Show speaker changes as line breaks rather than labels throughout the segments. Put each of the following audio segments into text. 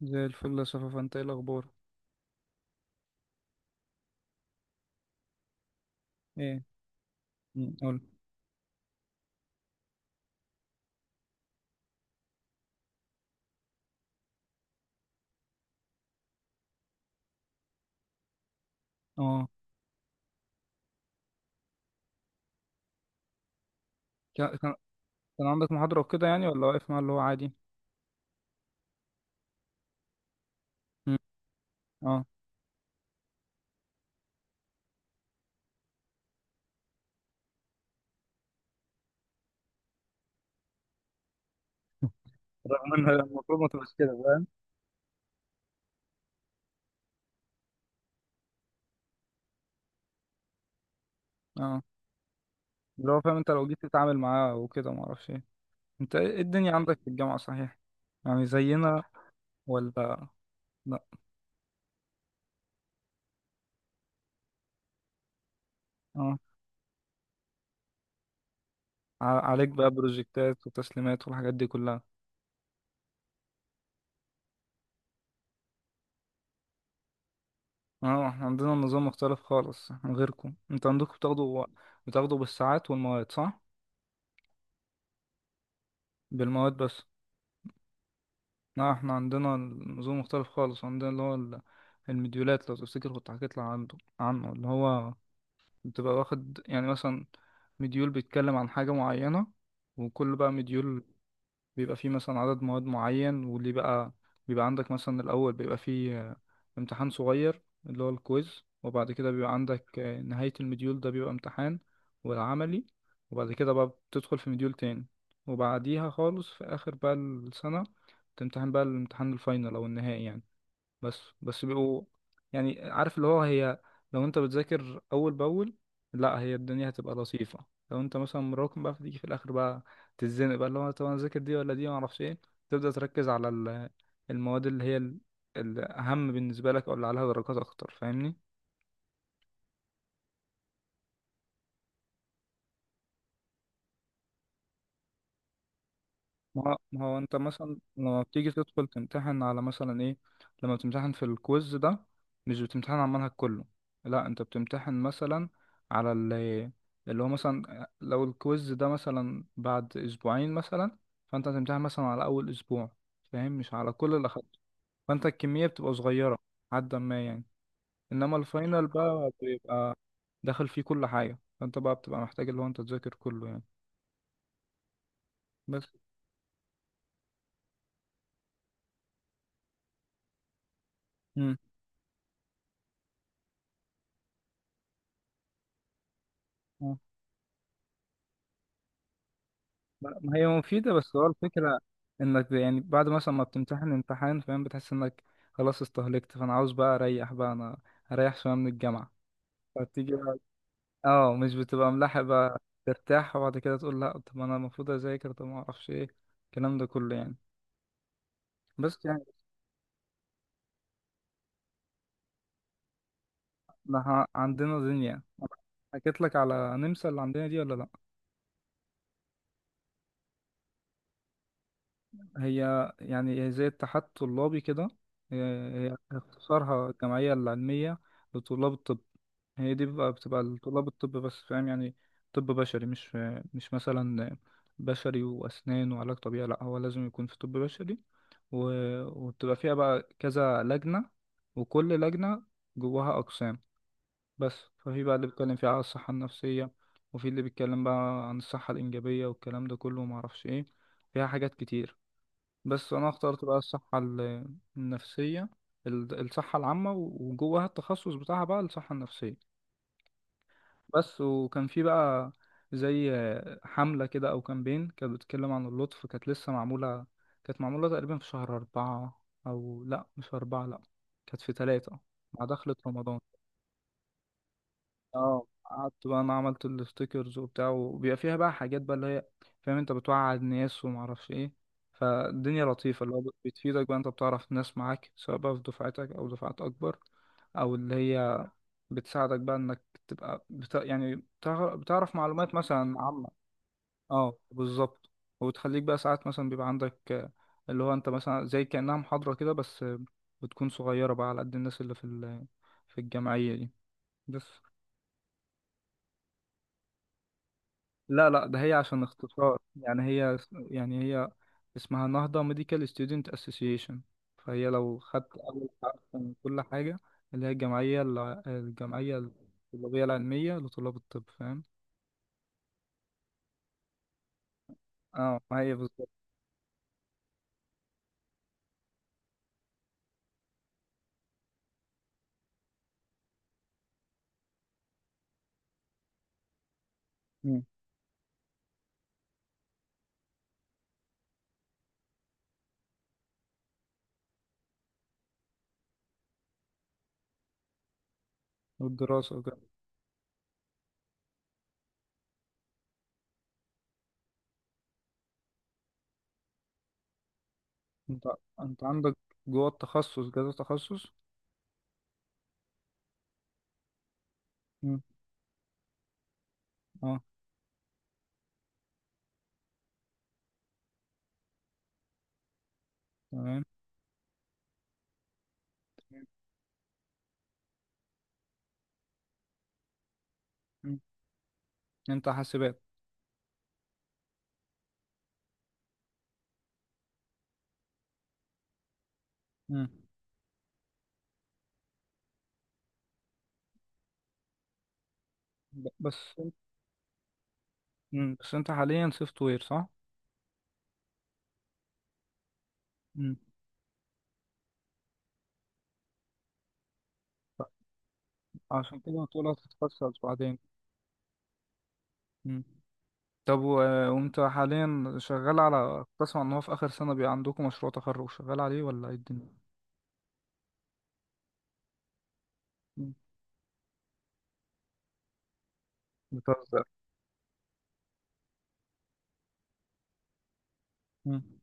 زي الفل يا صفا، انت ايه الاخبار؟ ايه. قول. اه. كان كان كان عندك محاضرة وكده يعني ولا واقف مع اللي هو عادي؟ مم. اه. رغم ان المفروض ما تبقاش كده، فاهم؟ اه. اللي هو فاهم انت لو جيت تتعامل معاه وكده، ما اعرفش ايه. انت ايه الدنيا عندك في الجامعة، صحيح؟ يعني زينا ولا لا؟ اه. عليك بقى بروجكتات وتسليمات والحاجات دي كلها؟ اه، احنا عندنا نظام مختلف خالص عن غيركم. انت عندكم بتاخدوا بالساعات والمواد، صح؟ بالمواد بس. لا، احنا عندنا نظام مختلف خالص. عندنا اللي هو المديولات، لو تفتكر كنت حكيت لك عنه، اللي هو بتبقى واخد يعني مثلا مديول بيتكلم عن حاجة معينة، وكل بقى مديول بيبقى فيه مثلا عدد مواد معين. واللي بقى بيبقى عندك مثلا الأول بيبقى فيه امتحان صغير اللي هو الكويز، وبعد كده بيبقى عندك نهاية المديول ده بيبقى امتحان والعملي. وبعد كده بقى بتدخل في مديول تاني. وبعديها خالص في آخر بقى السنة، تمتحن بقى الامتحان الفاينل أو النهائي يعني. بس بيبقوا يعني عارف اللي هو هي، لو انت بتذاكر اول باول، لا هي الدنيا هتبقى لطيفه. لو انت مثلا مراكم، بقى فتيجي في الاخر بقى تتزنق، بقى اللي هو طب انا اذاكر دي ولا دي، ما اعرفش ايه. تبدا تركز على المواد اللي هي الاهم بالنسبه لك، او اللي عليها درجات اكتر، فاهمني؟ ما هو انت مثلا لما بتيجي تدخل تمتحن على مثلا ايه، لما بتمتحن في الكويز ده، مش بتمتحن على المنهج كله. لا، انت بتمتحن مثلا على اللي هو مثلا لو الكويز ده مثلا بعد اسبوعين مثلا، فانت هتمتحن مثلا على اول اسبوع، فاهم، مش على كل اللي اخدته. فانت الكمية بتبقى صغيرة، حد ما يعني. انما الفاينل بقى بيبقى داخل فيه كل حاجة، فانت بقى بتبقى محتاج اللي هو انت تذاكر كله يعني. بس. مم. ما هي مفيدة، بس هو الفكرة انك يعني بعد مثلا ما بتمتحن امتحان، فاهم، بتحس انك خلاص استهلكت، فانا عاوز بقى اريح، بقى انا اريح شوية من الجامعة. فتيجي بقى، اه، مش بتبقى ملاحق بقى ترتاح وبعد كده تقول لا طب انا المفروض اذاكر، طب ما اعرفش ايه الكلام ده كله يعني. بس يعني احنا عندنا دنيا. حكيت لك على نمسا اللي عندنا دي ولا لا؟ هي يعني هي زي الاتحاد الطلابي كده. هي هي اختصارها الجمعية العلمية لطلاب الطب. هي دي بقى بتبقى لطلاب الطب بس، فاهم يعني، طب بشري. مش مثلا بشري وأسنان وعلاج طبيعي، لأ، هو لازم يكون في طب بشري. و... وبتبقى فيها بقى كذا لجنة، وكل لجنة جواها أقسام بس. ففي بقى اللي بيتكلم فيها على الصحة النفسية، وفي اللي بيتكلم بقى عن الصحة الإنجابية والكلام ده كله، ومعرفش إيه، فيها حاجات كتير. بس انا اخترت بقى الصحة النفسية، الصحة العامة، وجواها التخصص بتاعها بقى الصحة النفسية بس. وكان في بقى زي حملة كده او كامبين، كانت بتتكلم عن اللطف، كانت لسه معمولة. كانت معمولة تقريبا في شهر 4، او لا مش 4، لا، كانت في 3 مع دخلة رمضان. اه، قعدت بقى انا عملت الستيكرز وبتاع. وبيبقى فيها بقى حاجات بقى اللي هي، فاهم، انت بتوعي الناس ومعرفش ايه. فالدنيا لطيفة، اللي هو بتفيدك بقى. انت بتعرف ناس معاك سواء بقى في دفعتك او دفعات اكبر، او اللي هي بتساعدك بقى انك تبقى يعني بتعرف معلومات مثلا عامة. اه بالظبط. وبتخليك بقى ساعات مثلا بيبقى عندك اللي هو انت مثلا زي كأنها محاضرة كده، بس بتكون صغيرة بقى على قد الناس اللي في في الجمعية دي. بس لا لا، ده هي عشان اختصار يعني. هي يعني هي اسمها نهضة ميديكال ستودنت اسوسيشن، فهي لو خدت أول حرف من كل حاجة، اللي هي الجمعية الطلابية العلمية لطلاب الطب، فاهم. اه، ما هي بالظبط. مم. والدراسة وكده. انت انت عندك جوه التخصص كذا تخصص. مم. اه، تمام. مم. انت حاسبات. مم. ب- بس انت- مم. بس انت حاليا سوفت وير، صح؟ مم. ف- عشان كده هتقول هتتخصص بعدين. مم. طب، وانت حاليا شغال على، كنت اسمع ان هو في اخر سنة بيبقى عندكم مشروع تخرج شغال عليه، ولا ايه الدنيا؟ مم. بتهزر. مم.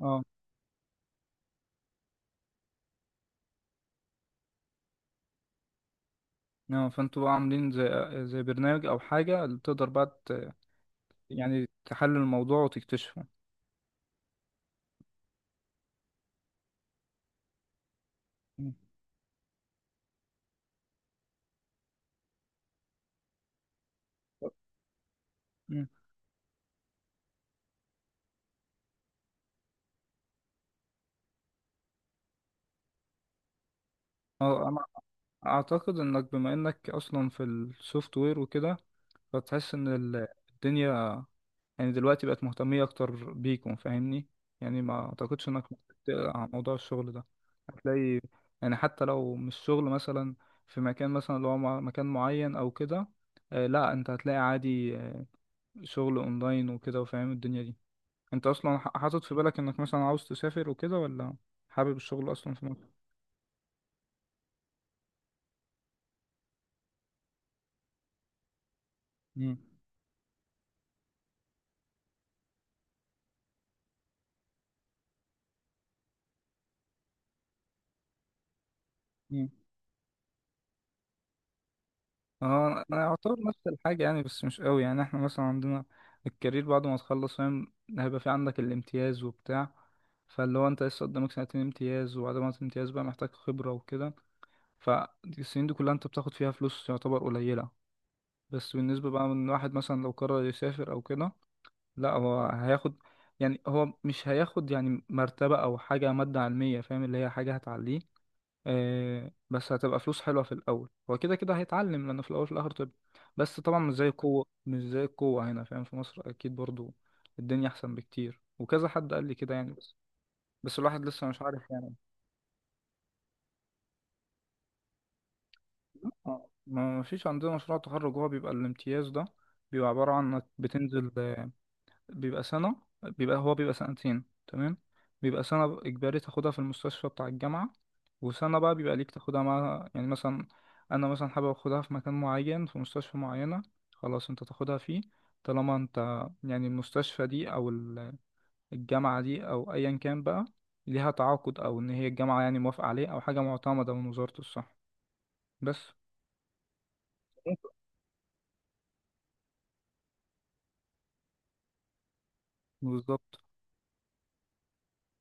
اه. اه، فانتوا بقى عاملين زي برنامج او حاجة اللي تقدر بقى يعني تحلل الموضوع وتكتشفه. مم. مم. اه، انا اعتقد انك بما انك اصلا في السوفت وير وكده، فتحس ان الدنيا يعني دلوقتي بقت مهتمية أكتر بيكم، فاهمني، يعني ما أعتقدش إنك ممكن تقلق عن موضوع الشغل ده. هتلاقي يعني حتى لو مش شغل مثلا في مكان مثلا اللي هو مكان معين أو كده. آه لا، أنت هتلاقي عادي شغل أونلاين وكده، وفاهم الدنيا دي. أنت أصلا حاطط في بالك إنك مثلا عاوز تسافر وكده، ولا حابب الشغل أصلا في مصر؟ مم. اه، انا اعتبر نفس الحاجه يعني، بس مش قوي يعني. احنا مثلا عندنا الكارير بعد ما تخلص، فاهم، هيبقى في عندك الامتياز وبتاع. فاللي هو انت لسه قدامك سنتين امتياز، وبعد ما الامتياز بقى محتاج خبره وكده. فالسنين دي كلها انت بتاخد فيها فلوس يعتبر قليله. بس بالنسبه بقى من واحد مثلا لو قرر يسافر او كده، لا، هو هياخد، يعني هو مش هياخد يعني مرتبه او حاجه، ماده علميه، فاهم، اللي هي حاجه هتعليه. بس هتبقى فلوس حلوة في الأول. هو كده كده هيتعلم، لأنه في الأول وفي الآخر طب. بس طبعا مش زي القوة، مش زي القوة هنا، فاهم، في مصر. أكيد برضو الدنيا أحسن بكتير، وكذا حد قال لي كده يعني. بس الواحد لسه مش عارف يعني. ما فيش عندنا مشروع تخرج. هو بيبقى الامتياز ده بيبقى عبارة عن إنك بتنزل. بيبقى سنة، بيبقى سنتين، تمام. بيبقى سنة إجباري تاخدها في المستشفى بتاع الجامعة، وسنة بقى بيبقى ليك تاخدها مع يعني مثلا أنا مثلا حابب أخدها في مكان معين في مستشفى معينة، خلاص أنت تاخدها فيه، طالما أنت يعني المستشفى دي أو الجامعة دي أو أيا كان بقى، ليها تعاقد أو إن هي الجامعة يعني موافقة عليه أو حاجة معتمدة من وزارة الصحة. بس. بالظبط.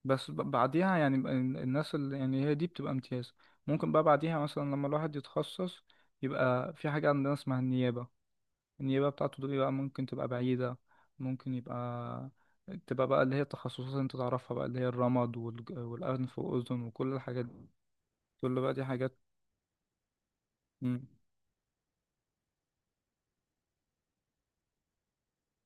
بس بعديها يعني الناس اللي يعني هي دي بتبقى امتياز، ممكن بقى بعديها مثلا لما الواحد يتخصص، يبقى في حاجة عندنا اسمها النيابة. النيابة بتاعته دي بقى ممكن تبقى بعيدة. ممكن يبقى تبقى بقى اللي هي التخصصات اللي انت تعرفها بقى، اللي هي الرمد والأنف والأذن وكل الحاجات دي. كل بقى دي حاجات. مم.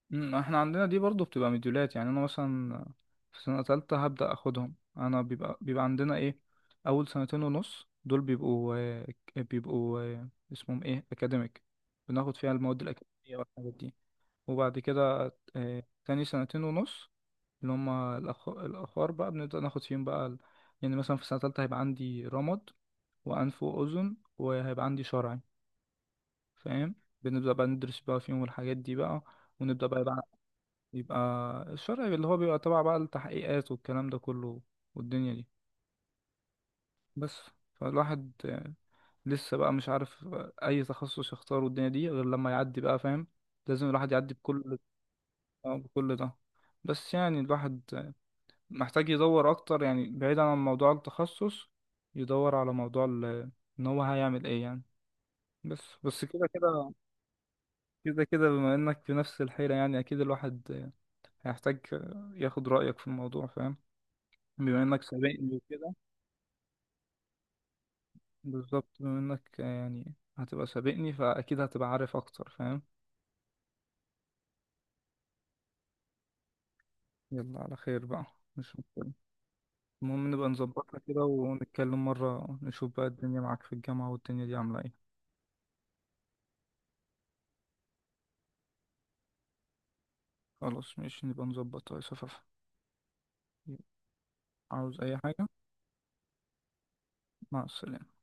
مم، احنا عندنا دي برضو بتبقى مديولات. يعني انا مثلا في سنة تالتة هبدأ اخدهم. انا بيبقى عندنا ايه، اول سنتين ونص دول بيبقوا اسمهم ايه اكاديميك، بناخد فيها المواد الاكاديمية والحاجات دي. وبعد كده تاني سنتين ونص اللي هما الاخر، بقى بنبدأ ناخد فيهم بقى يعني مثلا في سنة تالتة هيبقى عندي رمد وأنف وأذن، وهيبقى عندي شرعي، فاهم. بنبدأ بقى ندرس بقى فيهم الحاجات دي بقى. ونبدأ بقى يبقى الشرعي اللي هو بيبقى تبع بقى التحقيقات والكلام ده كله، والدنيا دي بس. فالواحد لسه بقى مش عارف أي تخصص يختاره الدنيا دي غير لما يعدي بقى، فاهم، لازم الواحد يعدي بكل، بكل ده. بس يعني الواحد محتاج يدور أكتر، يعني بعيدا عن موضوع التخصص، يدور على موضوع إن هو هيعمل إيه يعني. بس كده كده، كده كده بما إنك في نفس الحيرة، يعني أكيد الواحد هيحتاج ياخد رأيك في الموضوع، فاهم، بما انك سابقني وكده. بالظبط، بما انك يعني هتبقى سابقني، فاكيد هتبقى عارف اكتر، فاهم. يلا على خير بقى، مش مشكلة. المهم نبقى نظبطها كده ونتكلم مرة، نشوف بقى الدنيا معاك في الجامعة والدنيا دي عاملة ايه. خلاص ماشي، نبقى نظبطها يا صفافة. عاوز اي حاجة؟ مع السلامة.